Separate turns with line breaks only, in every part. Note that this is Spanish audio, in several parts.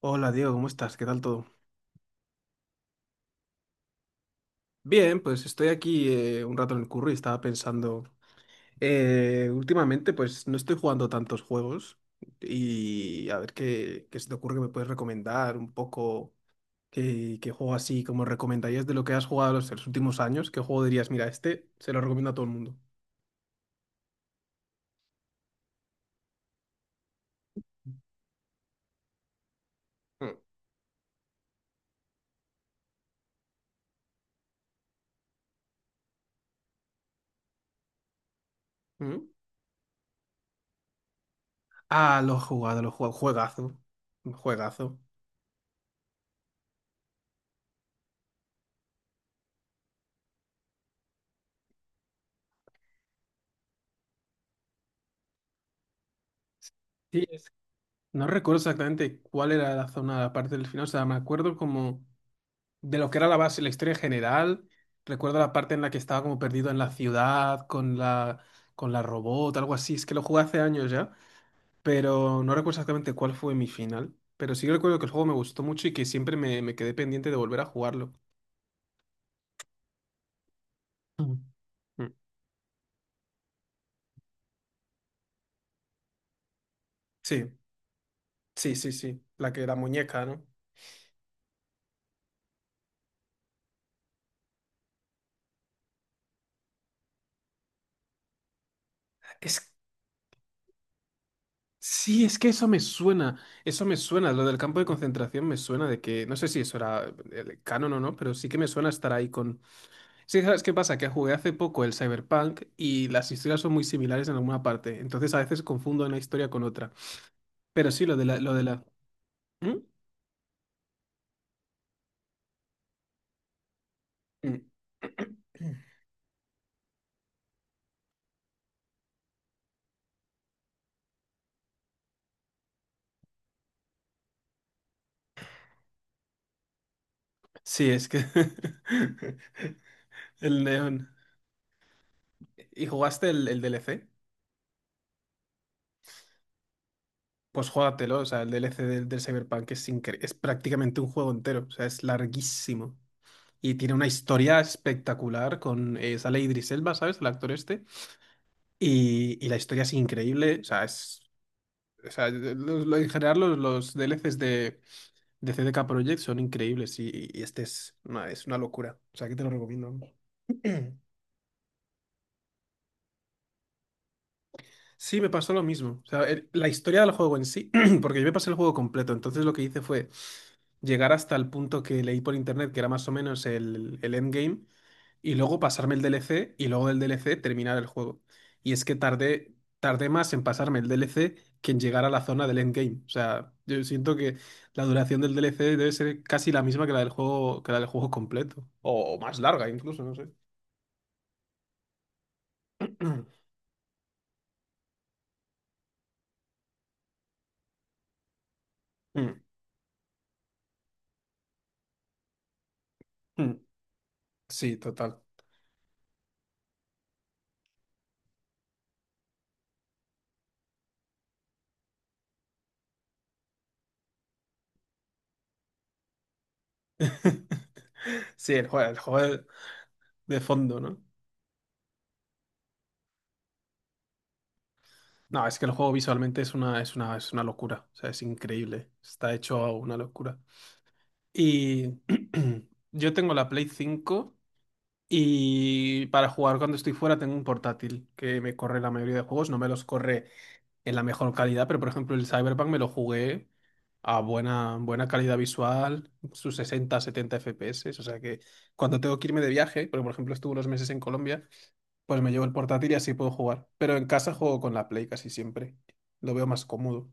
Hola Diego, ¿cómo estás? ¿Qué tal todo? Bien, pues estoy aquí un rato en el curro y estaba pensando, últimamente pues no estoy jugando tantos juegos y a ver qué se te ocurre que me puedes recomendar un poco, qué juego así como recomendarías de lo que has jugado los últimos años, qué juego dirías, mira, este se lo recomiendo a todo el mundo. Mm. ¿Mm? Ah, lo he jugado, juegazo, juegazo. Sí, no recuerdo exactamente cuál era la zona, la parte del final, o sea, me acuerdo como de lo que era la base, la historia en general. Recuerdo la parte en la que estaba como perdido en la ciudad con la robot, algo así. Es que lo jugué hace años ya, pero no recuerdo exactamente cuál fue mi final. Pero sí que recuerdo que el juego me gustó mucho y que siempre me quedé pendiente de volver a jugarlo. Mm. Mm. Sí, sí, sí, sí. La que la muñeca, ¿no? Es, sí, es que eso me suena. Eso me suena. Lo del campo de concentración me suena de que, no sé si eso era el canon o no, pero sí que me suena estar ahí con. Sí, ¿sabes qué pasa? Que jugué hace poco el Cyberpunk y las historias son muy similares en alguna parte. Entonces a veces confundo una historia con otra. Pero sí, lo de la. ¿Mm? Mm. Sí, es que el neón. ¿Y jugaste el DLC? Pues júgatelo, o sea, el DLC del Cyberpunk es, es prácticamente un juego entero, o sea, es larguísimo. Y tiene una historia espectacular con sale Idris Elba, ¿sabes? El actor este. Y la historia es increíble, o sea, es. O sea, en general los DLCs de CDK Projekt son increíbles y este es una locura. O sea, que te lo recomiendo, vamos. Sí, me pasó lo mismo. O sea, la historia del juego en sí, porque yo me pasé el juego completo, entonces lo que hice fue llegar hasta el punto que leí por internet, que era más o menos el endgame, y luego pasarme el DLC, y luego del DLC terminar el juego. Y es que tardé más en pasarme el DLC que en llegar a la zona del endgame. O sea, yo siento que la duración del DLC debe ser casi la misma que la del juego, que la del juego completo, o más larga incluso, no sé. Mm, mm. Sí, total. Sí, el juego, el juego de fondo, ¿no? No, es que el juego visualmente es una, es una, es una locura. O sea, es increíble. Está hecho a una locura. Y yo tengo la Play cinco y para jugar cuando estoy fuera tengo un portátil que me corre la mayoría de juegos. No me los corre en la mejor calidad, pero por ejemplo el Cyberpunk me lo jugué a buena, buena calidad visual, sus 60, 70 FPS, o sea que cuando tengo que irme de viaje, porque por ejemplo estuve unos meses en Colombia, pues me llevo el portátil y así puedo jugar, pero en casa juego con la Play casi siempre, lo veo más cómodo.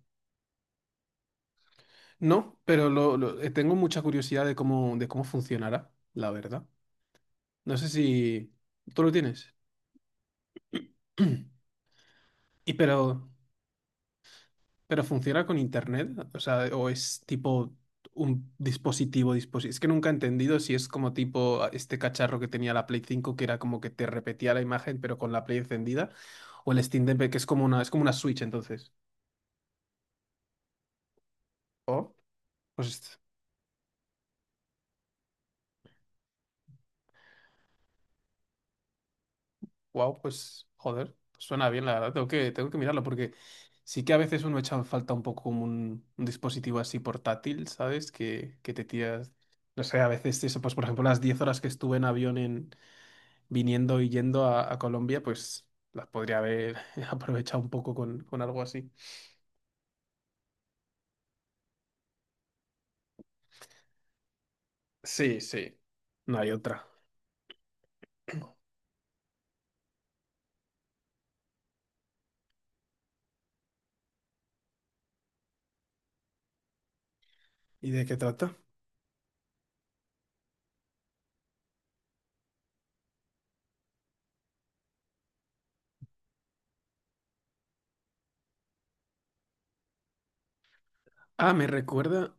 No, pero tengo mucha curiosidad de cómo funcionará, la verdad. No sé si tú lo tienes. Y pero, ¿pero funciona con internet? O sea, ¿o es tipo un dispositivo, dispositivo? Es que nunca he entendido si es como tipo este cacharro que tenía la Play cinco que era como que te repetía la imagen pero con la Play encendida o el Steam Deck que es como una, es como una Switch entonces. Oh, pues wow, pues joder, pues suena bien la verdad, tengo que mirarlo porque sí que a veces uno echa en falta un poco como un dispositivo así portátil, ¿sabes? Que te tiras no sé, a veces eso, pues por ejemplo las 10 horas que estuve en avión viniendo y yendo a Colombia, pues las podría haber aprovechado un poco con algo así. Sí, sí, no hay otra. ¿Y de qué trata? Ah, me recuerda,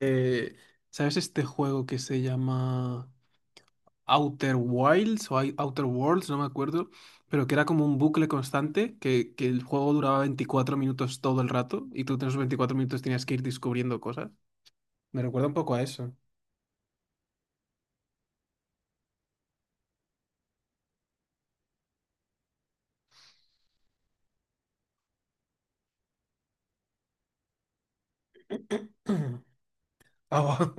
eh, ¿sabes este juego que se llama Outer Wilds o Outer Worlds? No me acuerdo, pero que era como un bucle constante, que el juego duraba 24 minutos todo el rato y tú en esos 24 minutos tenías que ir descubriendo cosas. Me recuerda un poco a eso. Oh.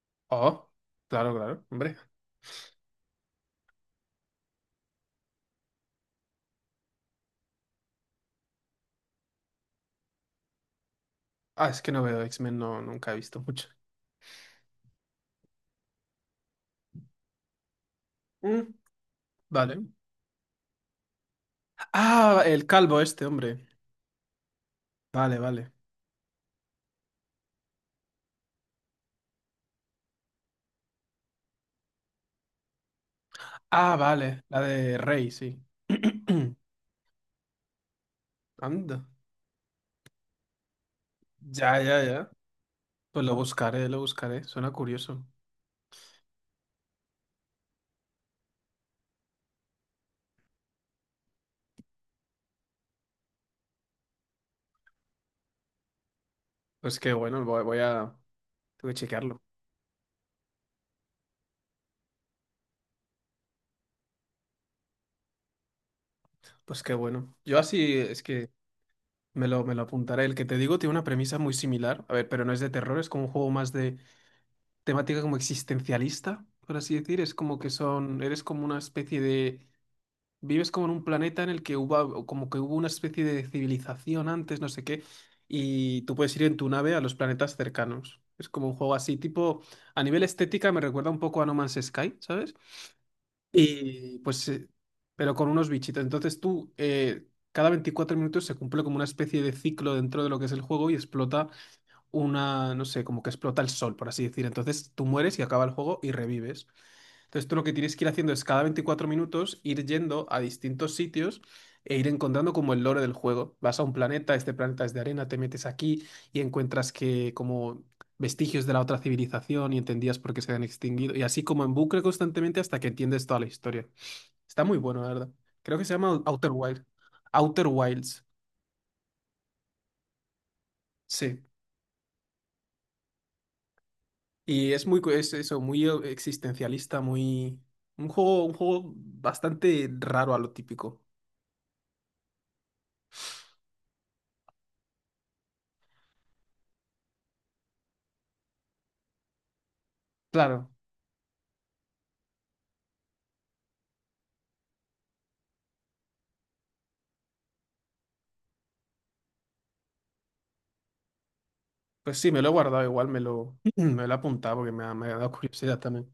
Oh, claro, claro, hombre. Ah, es que no veo X-Men, no, nunca he visto mucho. Mm, vale. Ah, el calvo este, hombre. Vale, vale. Ah, vale, la de Rey, sí. Anda. Ya, ya, ya. Pues lo buscaré, lo buscaré. Suena curioso. Pues qué bueno, voy a... Tengo que chequearlo. Pues qué bueno. Yo así es que me lo apuntaré. El que te digo tiene una premisa muy similar. A ver, pero no es de terror, es como un juego más de temática como existencialista, por así decir. Es como que son... Eres como una especie de. Vives como en un planeta en el que hubo, como que hubo una especie de civilización antes, no sé qué, y tú puedes ir en tu nave a los planetas cercanos. Es como un juego así, tipo, a nivel estética me recuerda un poco a No Man's Sky, ¿sabes? Y pues, pero con unos bichitos. Entonces tú, cada 24 minutos se cumple como una especie de ciclo dentro de lo que es el juego y explota una, no sé, como que explota el sol, por así decir. Entonces tú mueres y acaba el juego y revives. Entonces tú lo que tienes que ir haciendo es cada 24 minutos ir yendo a distintos sitios e ir encontrando como el lore del juego. Vas a un planeta, este planeta es de arena, te metes aquí y encuentras que como vestigios de la otra civilización y entendías por qué se habían extinguido. Y así como en bucle constantemente hasta que entiendes toda la historia. Está muy bueno, la verdad. Creo que se llama Outer Wild. Outer Wilds, sí. Y es muy, es eso, muy existencialista, muy... un juego bastante raro a lo típico. Claro. Pues sí, me lo he guardado igual, me lo he apuntado porque me ha dado curiosidad también.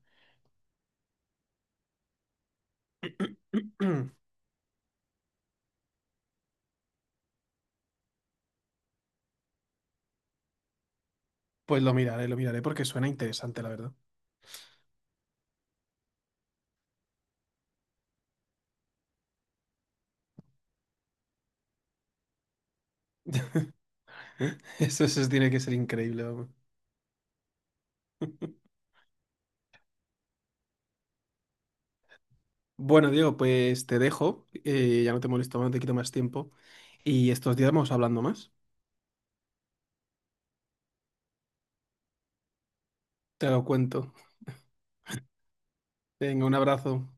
Pues lo miraré porque suena interesante, la verdad. Eso tiene que ser increíble, vamos. Bueno, Diego, pues te dejo, ya no te molesto más, no te quito más tiempo. Y estos días vamos hablando más. Te lo cuento. Venga, un abrazo.